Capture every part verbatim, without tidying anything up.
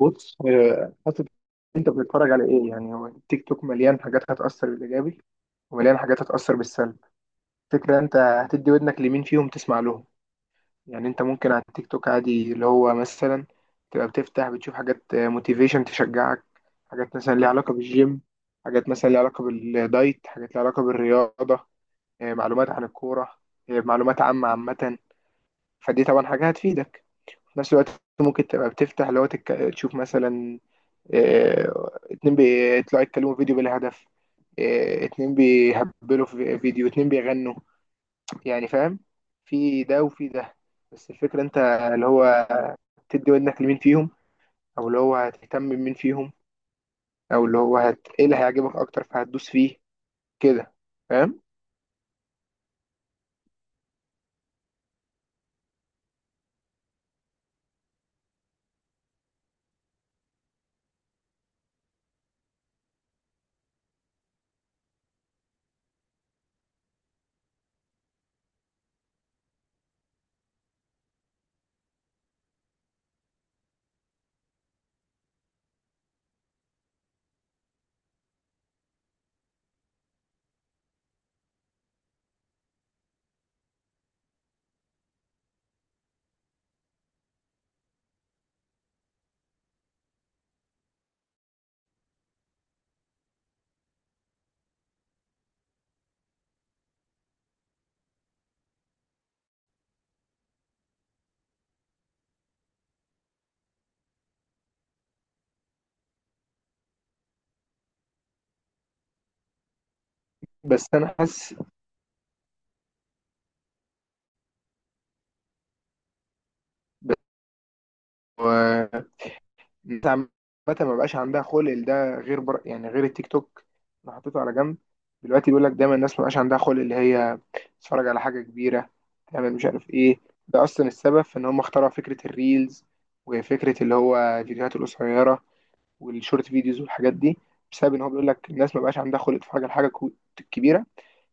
بص آه، حسب انت بتتفرج على ايه. يعني هو التيك توك مليان حاجات هتأثر بالإيجابي، ومليان حاجات هتأثر بالسلب. فكرة انت هتدي ودنك لمين فيهم تسمع لهم. يعني انت ممكن على التيك توك عادي اللي هو مثلا تبقى بتفتح بتشوف حاجات موتيفيشن تشجعك، حاجات مثلا ليها علاقة بالجيم، حاجات مثلا ليها علاقة بالدايت، حاجات ليها علاقة بالرياضة، آه، معلومات عن الكورة، آه، معلومات عامة عامة. فدي طبعا حاجة هتفيدك في نفس الوقت. ممكن تبقى بتفتح اللي هو تك... تشوف مثلا آه، اتنين بيطلعوا يتكلموا فيديو بلا هدف، آه، اتنين بيهبلوا في فيديو، اتنين بيغنوا. يعني فاهم؟ في ده وفي ده. بس الفكرة انت اللي هو تدي ودنك لمين فيهم، او اللي هو هتهتم بمين فيهم، او اللي هو هت... ايه اللي هيعجبك اكتر فهتدوس فيه. كده. فاهم؟ بس انا حاسس الناس عامة ما بقاش عندها خلق لده غير بر... يعني غير التيك توك. انا حطيته على جنب. دلوقتي بيقول لك دايما الناس ما بقاش عندها خلق اللي هي تتفرج على حاجة كبيرة، تعمل مش عارف ايه. ده اصلا السبب في ان هم اخترعوا فكرة الريلز وفكرة اللي هو الفيديوهات القصيرة والشورت فيديوز والحاجات دي، بسبب ان هو بيقول لك الناس ما بقاش عندها خلق تتفرج على حاجة كو- كبيرة.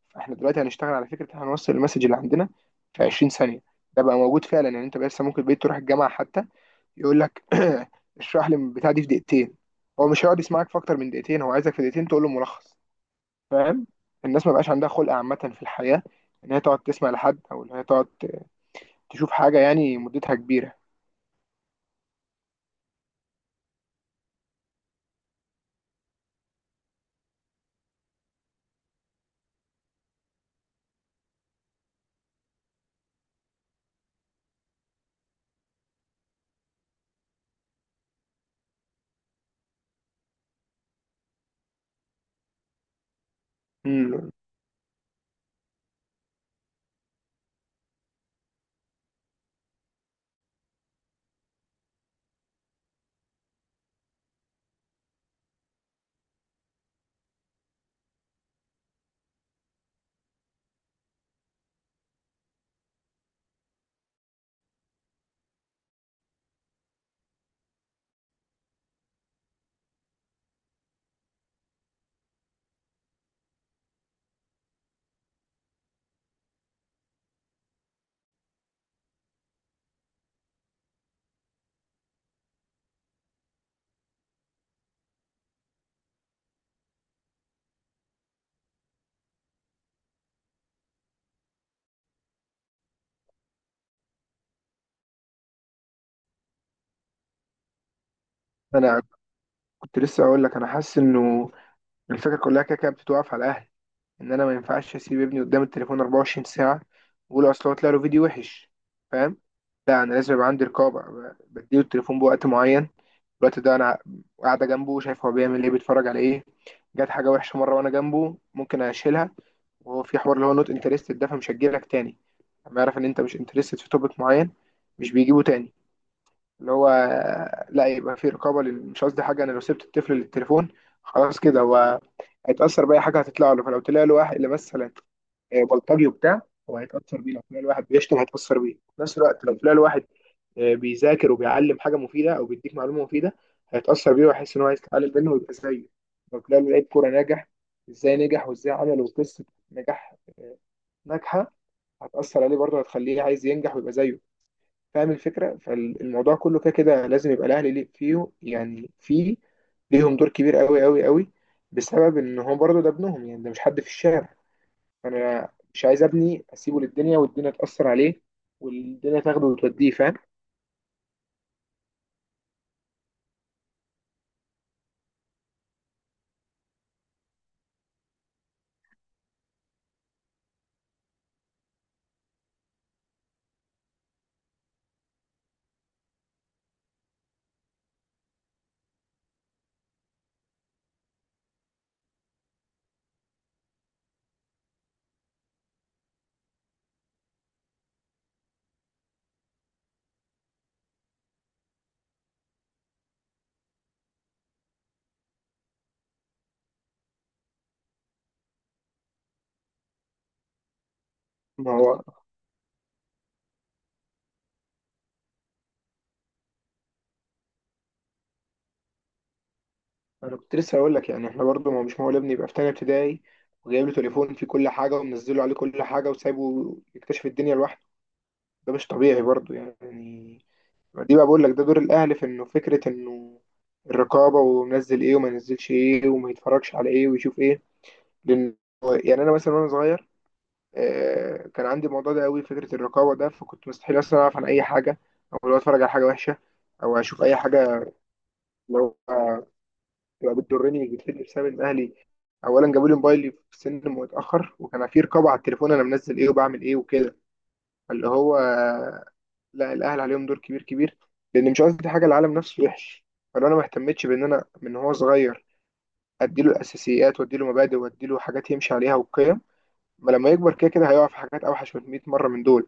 فاحنا دلوقتي هنشتغل على فكره إن إحنا هنوصل المسج اللي عندنا في عشرين ثانيه. ده بقى موجود فعلا. يعني انت بس ممكن بقيت تروح الجامعه حتى، يقول لك اشرح لي البتاع دي في دقيقتين. هو مش هيقعد يسمعك في اكتر من دقيقتين، هو عايزك في دقيقتين تقول له ملخص. فاهم؟ الناس ما بقاش عندها خلق عامه في الحياه، ان هي تقعد تسمع لحد او ان هي تقعد تشوف حاجه يعني مدتها كبيره. امم انا كنت لسه اقول لك، انا حاسس انه الفكره كلها كده كده بتتوقف على الاهل. ان انا ما ينفعش اسيب ابني قدام التليفون أربعة وعشرين ساعه، واقول اصل هو طلع له فيديو وحش. فاهم؟ لا انا لازم يبقى عندي رقابه، ب- بديله التليفون بوقت معين. الوقت ده انا قاعده جنبه شايف هو بيعمل ايه، بيتفرج على ايه. جت حاجه وحشه مره وانا جنبه ممكن اشيلها، وهو في حوار اللي هو نوت انترستد ده فمش هجيلك تاني. لما يعرف ان انت مش انترستد في توبيك معين، مش بيجيبه تاني. اللي هو لا يبقى في رقابه لل- مش قصدي حاجه، انا لو سبت الطفل للتليفون خلاص كده هو هيتأثر بأي حاجة هتطلع له. فلو طلع له واحد مثلا آه، بلطجي وبتاع، هو هيتأثر بيه. لو تلاقي الواحد بيشتم هيتأثر بيه. في نفس الوقت لو تلاقي الواحد آه، بيذاكر وبيعلم حاجة مفيدة أو بيديك معلومة مفيدة، هيتأثر بيه، ويحس إن هو عايز يتعلم منه ويبقى زيه. لو تلاقي لعيب كورة ناجح إزاي نجح وإزاي عمل وقصة نجاح ناجحة، هتأثر عليه برضه، هتخليه عايز ينجح ويبقى زيه. فاهم الفكرة؟ فالموضوع كله كده كده لازم يبقى الأهلي ليه- فيه، يعني فيه ليهم دور كبير قوي قوي قوي، بسبب إن هو برضه ده ابنهم. يعني ده مش حد في الشارع. انا مش عايز ابني اسيبه للدنيا والدنيا تاثر عليه والدنيا تاخده وتوديه. فاهم؟ ما هو انا كنت لسه هقول لك، يعني احنا برضو ما هو مش معقول ابني يبقى في تانية ابتدائي وجايب له تليفون فيه كل حاجه ومنزله عليه كل حاجه وسايبه يكتشف الدنيا لوحده. ده مش طبيعي برضو يعني. دي بقى بقول لك ده دور الاهل في انه فكره انه الرقابه، ومنزل ايه وما ينزلش ايه وما يتفرجش على ايه ويشوف ايه. لان يعني انا مثلا وانا صغير آه، كان عندي الموضوع ده قوي، فكره الرقابه ده. فكنت مستحيل اصلا اعرف عن اي حاجه او لو اتفرج على حاجه وحشه او اشوف اي حاجه لو آه، تبقى بتضرني مش بتفيدني، بسبب ان اهلي اولا جابوا لي موبايلي في سن متاخر، وكان في رقابه على التليفون انا منزل ايه وبعمل ايه وكده. اللي هو آه، لا الاهل عليهم دور كبير كبير، لان مش قصدي حاجه العالم نفسه وحش. فلو انا ما اهتمتش بان انا من هو صغير اديله الاساسيات واديله مبادئ واديله حاجات يمشي عليها وقيم، ما لما يكبر كده كده هيقع في حاجات اوحش من مئة مره من دول.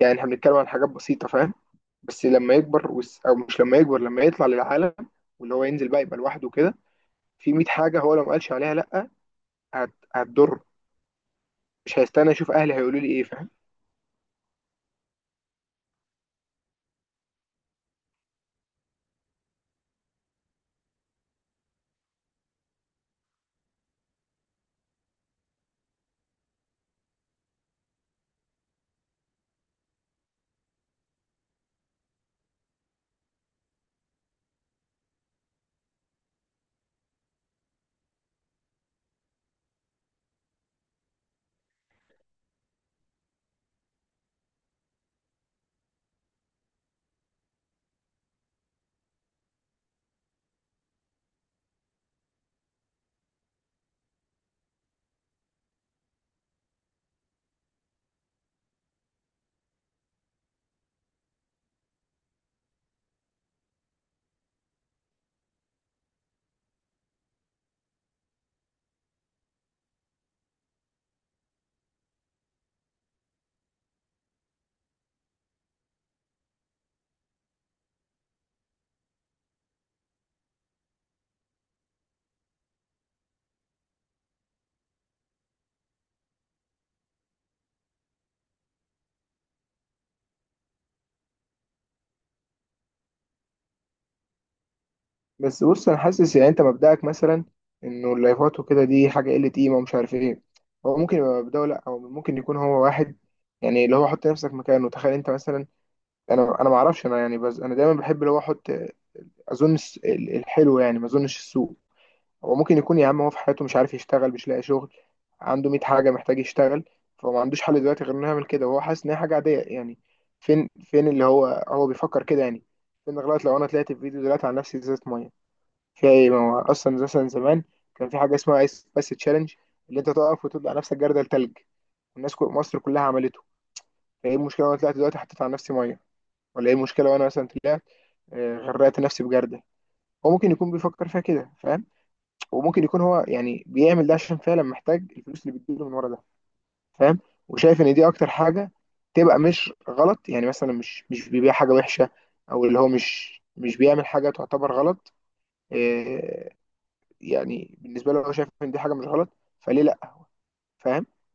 يعني احنا بنتكلم عن حاجات بسيطة. فاهم؟ بس لما يكبر وس... او مش لما يكبر لما يطلع للعالم واللي هو ينزل بقى يبقى لوحده كده، في مية حاجة هو لو ما قالش عليها لا هت... هتضر. مش هيستنى اشوف اهلي هيقولوا لي ايه. فاهم؟ بس بص انا حاسس يعني انت مبدأك مثلا انه اللايفات وكده دي حاجة قلة قيمة ومش عارف ايه، هو ممكن يبقى مبدأه لا. هو ممكن يكون هو واحد يعني اللي هو، حط نفسك مكانه تخيل انت مثلا، انا انا ما اعرفش انا يعني، بس انا دايما بحب اللي هو احط اظن الس- الحلو يعني ما اظنش السوء. هو ممكن يكون يا عم هو في حياته مش عارف يشتغل، مش لاقي شغل، عنده مية حاجة محتاج يشتغل، فهو ما عندوش حل دلوقتي غير انه يعمل كده. وهو حاسس ان هي حاجة عادية يعني. فين فين اللي هو هو بيفكر كده يعني؟ فين غلط لو انا طلعت في فيديو دلوقتي عن نفسي ازازة مية؟ فيها ايه؟ ما هو اصلا مثلا زمان كان في حاجة اسمها ايس بس تشالنج، اللي انت تقف وتقول على نفسك جردل تلج، والناس كل مصر كلها عملته. فايه المشكلة وانا طلعت دلوقتي حطيت على نفسي مية؟ ولا ايه المشكلة وانا مثلا طلعت آه، غرقت نفسي بجردل؟ هو ممكن يكون بيفكر فيها كده. فاهم؟ وممكن يكون هو يعني بيعمل ده عشان فعلا محتاج الفلوس اللي بتجيله من ورا ده. فاهم؟ وشايف ان دي اكتر حاجه، تبقى مش غلط. يعني مثلا مش مش بيبيع حاجه وحشه، او اللي هو مش مش بيعمل حاجه تعتبر غلط. إيه، يعني بالنسبه له هو شايف ان دي حاجه مش غلط، فليه لا؟ فاهم؟